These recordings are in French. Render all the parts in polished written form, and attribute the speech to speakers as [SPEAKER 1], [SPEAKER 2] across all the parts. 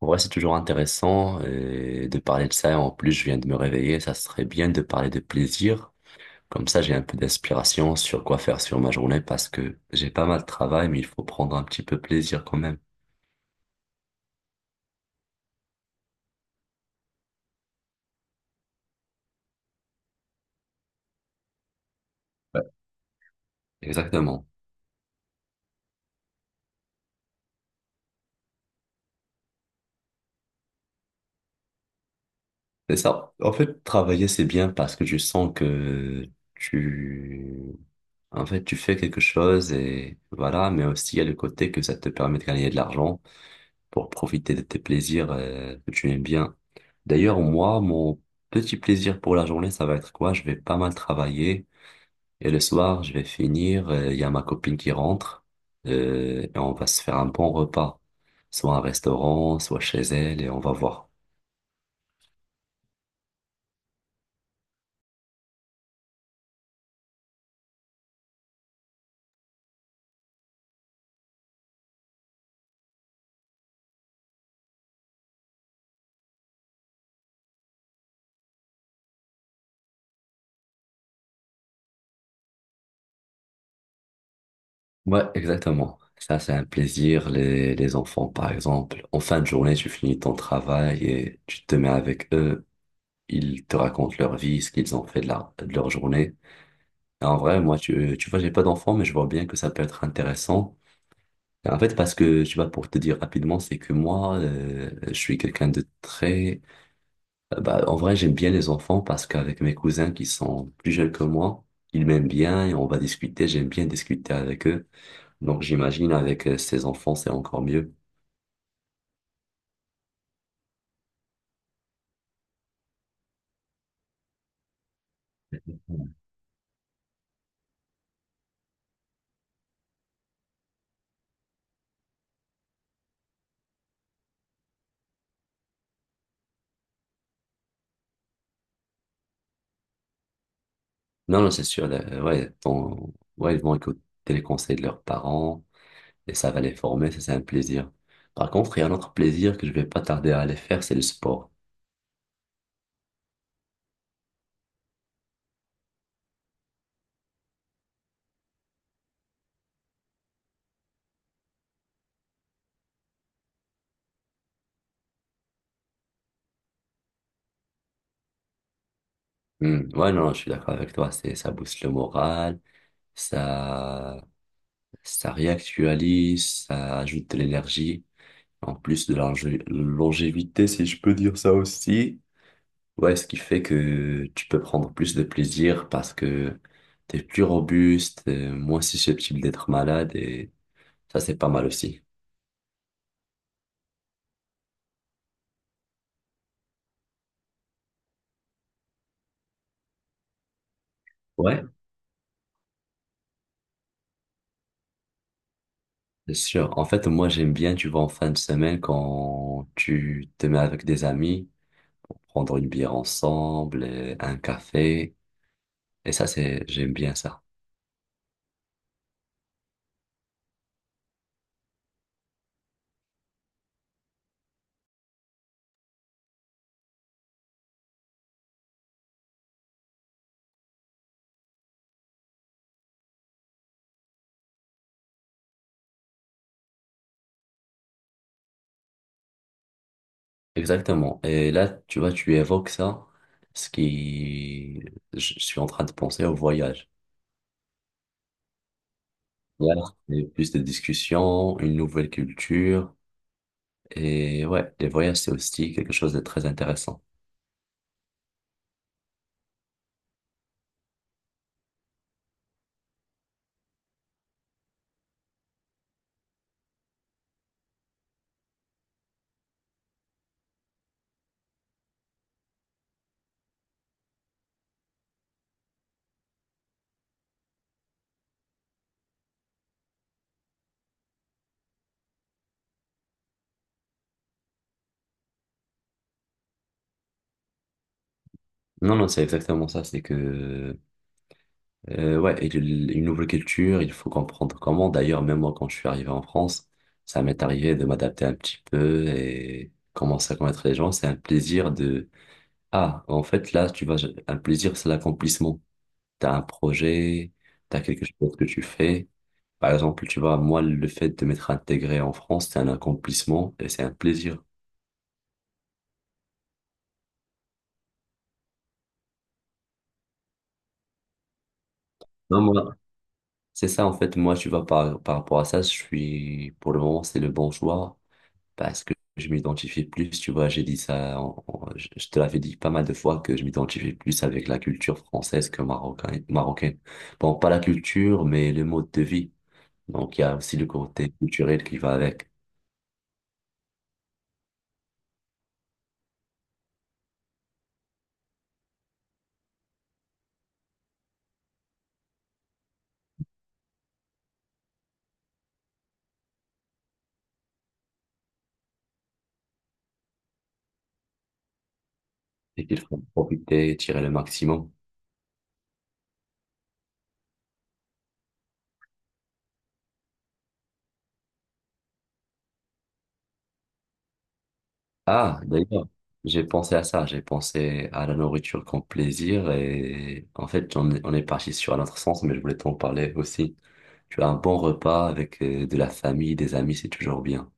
[SPEAKER 1] En vrai, c'est toujours intéressant de parler de ça. En plus, je viens de me réveiller. Ça serait bien de parler de plaisir. Comme ça, j'ai un peu d'inspiration sur quoi faire sur ma journée parce que j'ai pas mal de travail, mais il faut prendre un petit peu plaisir quand même. Ouais, exactement. C'est ça. En fait, travailler, c'est bien parce que je sens que tu, en fait, tu fais quelque chose et voilà, mais aussi il y a le côté que ça te permet de gagner de l'argent, pour profiter de tes plaisirs que tu aimes bien. D'ailleurs, moi, mon petit plaisir pour la journée, ça va être quoi? Je vais pas mal travailler et le soir, je vais finir. Il y a ma copine qui rentre, et on va se faire un bon repas, soit un restaurant, soit chez elle, et on va voir. Ouais, exactement. Ça, c'est un plaisir. Les enfants, par exemple, en fin de journée, tu finis ton travail et tu te mets avec eux. Ils te racontent leur vie, ce qu'ils ont fait de, de leur journée. Et en vrai, moi, tu vois, j'ai pas d'enfant, mais je vois bien que ça peut être intéressant. En fait, parce que, tu vois, pour te dire rapidement, c'est que moi, je suis quelqu'un de très... Bah, en vrai, j'aime bien les enfants parce qu'avec mes cousins qui sont plus jeunes que moi, ils m'aiment bien et on va discuter. J'aime bien discuter avec eux. Donc, j'imagine avec ces enfants, c'est encore mieux. Non, non, c'est sûr. Là, ouais, ouais, ils vont écouter les conseils de leurs parents et ça va les former, ça c'est un plaisir. Par contre, il y a un autre plaisir que je vais pas tarder à aller faire, c'est le sport. Hmm, ouais, non, je suis d'accord avec toi. C'est, ça booste le moral, ça, ça réactualise, ça ajoute de l'énergie, en plus de la longévité, si je peux dire ça aussi. Ouais, ce qui fait que tu peux prendre plus de plaisir parce que t'es plus robuste, moins susceptible d'être malade et ça, c'est pas mal aussi. Ouais, c'est sûr. En fait, moi, j'aime bien, tu vois, en fin de semaine, quand tu te mets avec des amis pour prendre une bière ensemble, un café. Et ça, c'est, j'aime bien ça. Exactement. Et là, tu vois, tu évoques ça, ce qui, je suis en train de penser au voyage. Là, c'est plus de discussions, une nouvelle culture. Et ouais, les voyages, c'est aussi quelque chose de très intéressant. Non, non, c'est exactement ça. C'est que ouais, et une nouvelle culture, il faut comprendre comment. D'ailleurs, même moi, quand je suis arrivé en France, ça m'est arrivé de m'adapter un petit peu et commencer à connaître les gens. C'est un plaisir de... Ah, en fait, là, tu vas... Un plaisir, c'est l'accomplissement. T'as un projet, t'as quelque chose que tu fais. Par exemple, tu vois, moi, le fait de m'être intégré en France, c'est un accomplissement et c'est un plaisir. Non, moi, c'est ça, en fait, moi, tu vois, par rapport à ça, je suis... Pour le moment, c'est le bon choix, parce que je m'identifie plus, tu vois, j'ai dit ça, je te l'avais dit pas mal de fois que je m'identifie plus avec la culture française que marocaine. Bon, pas la culture, mais le mode de vie. Donc, il y a aussi le côté culturel qui va avec et qu'il faut profiter, tirer le maximum. Ah, d'ailleurs, j'ai pensé à ça, j'ai pensé à la nourriture comme plaisir et en fait, on est parti sur un autre sens, mais je voulais t'en parler aussi. Tu as un bon repas avec de la famille, des amis, c'est toujours bien.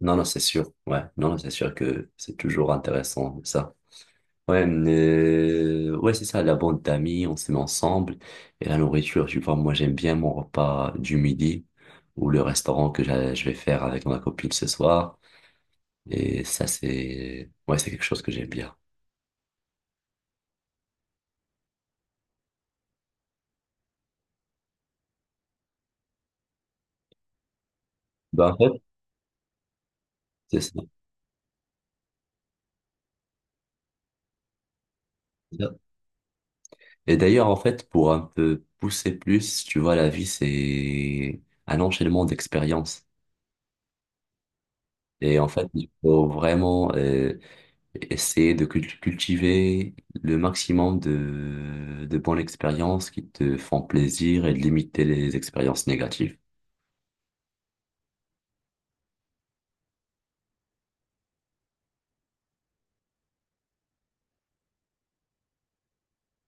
[SPEAKER 1] Non, non, c'est sûr. Ouais, non, non, c'est sûr que c'est toujours intéressant, ça. Ouais, mais... ouais, c'est ça, la bande d'amis, on se met ensemble. Et la nourriture, tu vois, moi, j'aime bien mon repas du midi ou le restaurant que je vais faire avec ma copine ce soir. Et ça, c'est, ouais, c'est quelque chose que j'aime bien. Bah, en fait, c'est ça. C'est ça. Et d'ailleurs, en fait, pour un peu pousser plus, tu vois, la vie, c'est un enchaînement d'expériences. Et en fait, il faut vraiment, essayer de cultiver le maximum de bonnes expériences qui te font plaisir et de limiter les expériences négatives.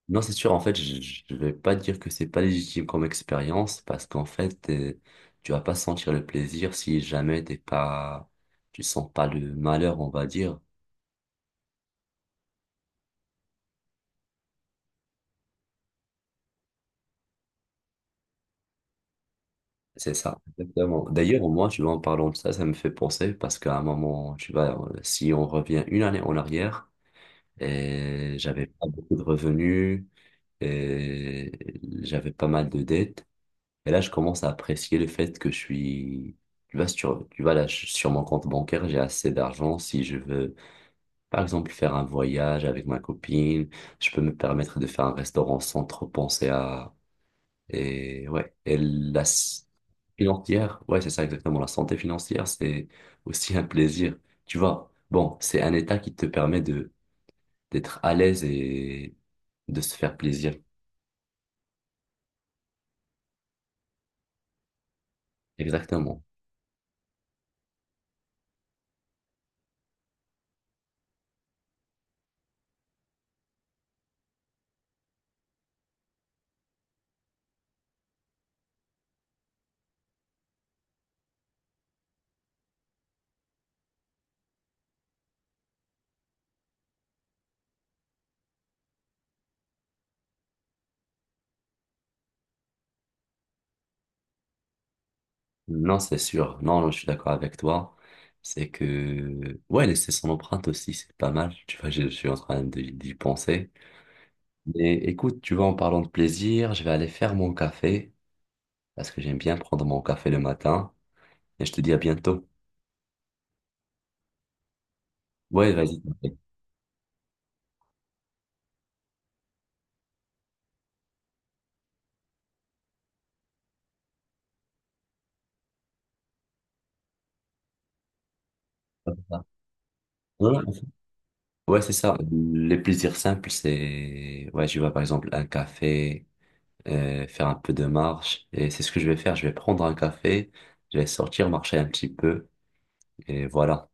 [SPEAKER 1] Non, c'est sûr, en fait, je ne vais pas dire que c'est pas légitime comme expérience parce qu'en fait, tu vas pas sentir le plaisir si jamais t'es pas, tu sens pas le malheur, on va dire. C'est ça, exactement. D'ailleurs, moi, tu vois, en parlant de ça, ça me fait penser parce qu'à un moment, tu vois, si on revient une année en arrière, et j'avais pas beaucoup de revenus, et j'avais pas mal de dettes. Et là, je commence à apprécier le fait que je suis, tu vois, là, sur mon compte bancaire, j'ai assez d'argent si je veux, par exemple, faire un voyage avec ma copine. Je peux me permettre de faire un restaurant sans trop penser à, et ouais, et la financière, ouais, c'est ça exactement. La santé financière, c'est aussi un plaisir. Tu vois, bon, c'est un état qui te permet d'être à l'aise et de se faire plaisir. Exactement. Non, c'est sûr. Non, je suis d'accord avec toi. C'est que, ouais, laisser son empreinte aussi, c'est pas mal. Tu vois, je suis en train d'y penser. Mais écoute, tu vois, en parlant de plaisir, je vais aller faire mon café parce que j'aime bien prendre mon café le matin. Et je te dis à bientôt. Ouais, vas-y. Ouais, ouais, c'est ça. Les plaisirs simples, c'est, ouais, je vois par exemple un café, faire un peu de marche. Et c'est ce que je vais faire. Je vais prendre un café, je vais sortir, marcher un petit peu. Et voilà.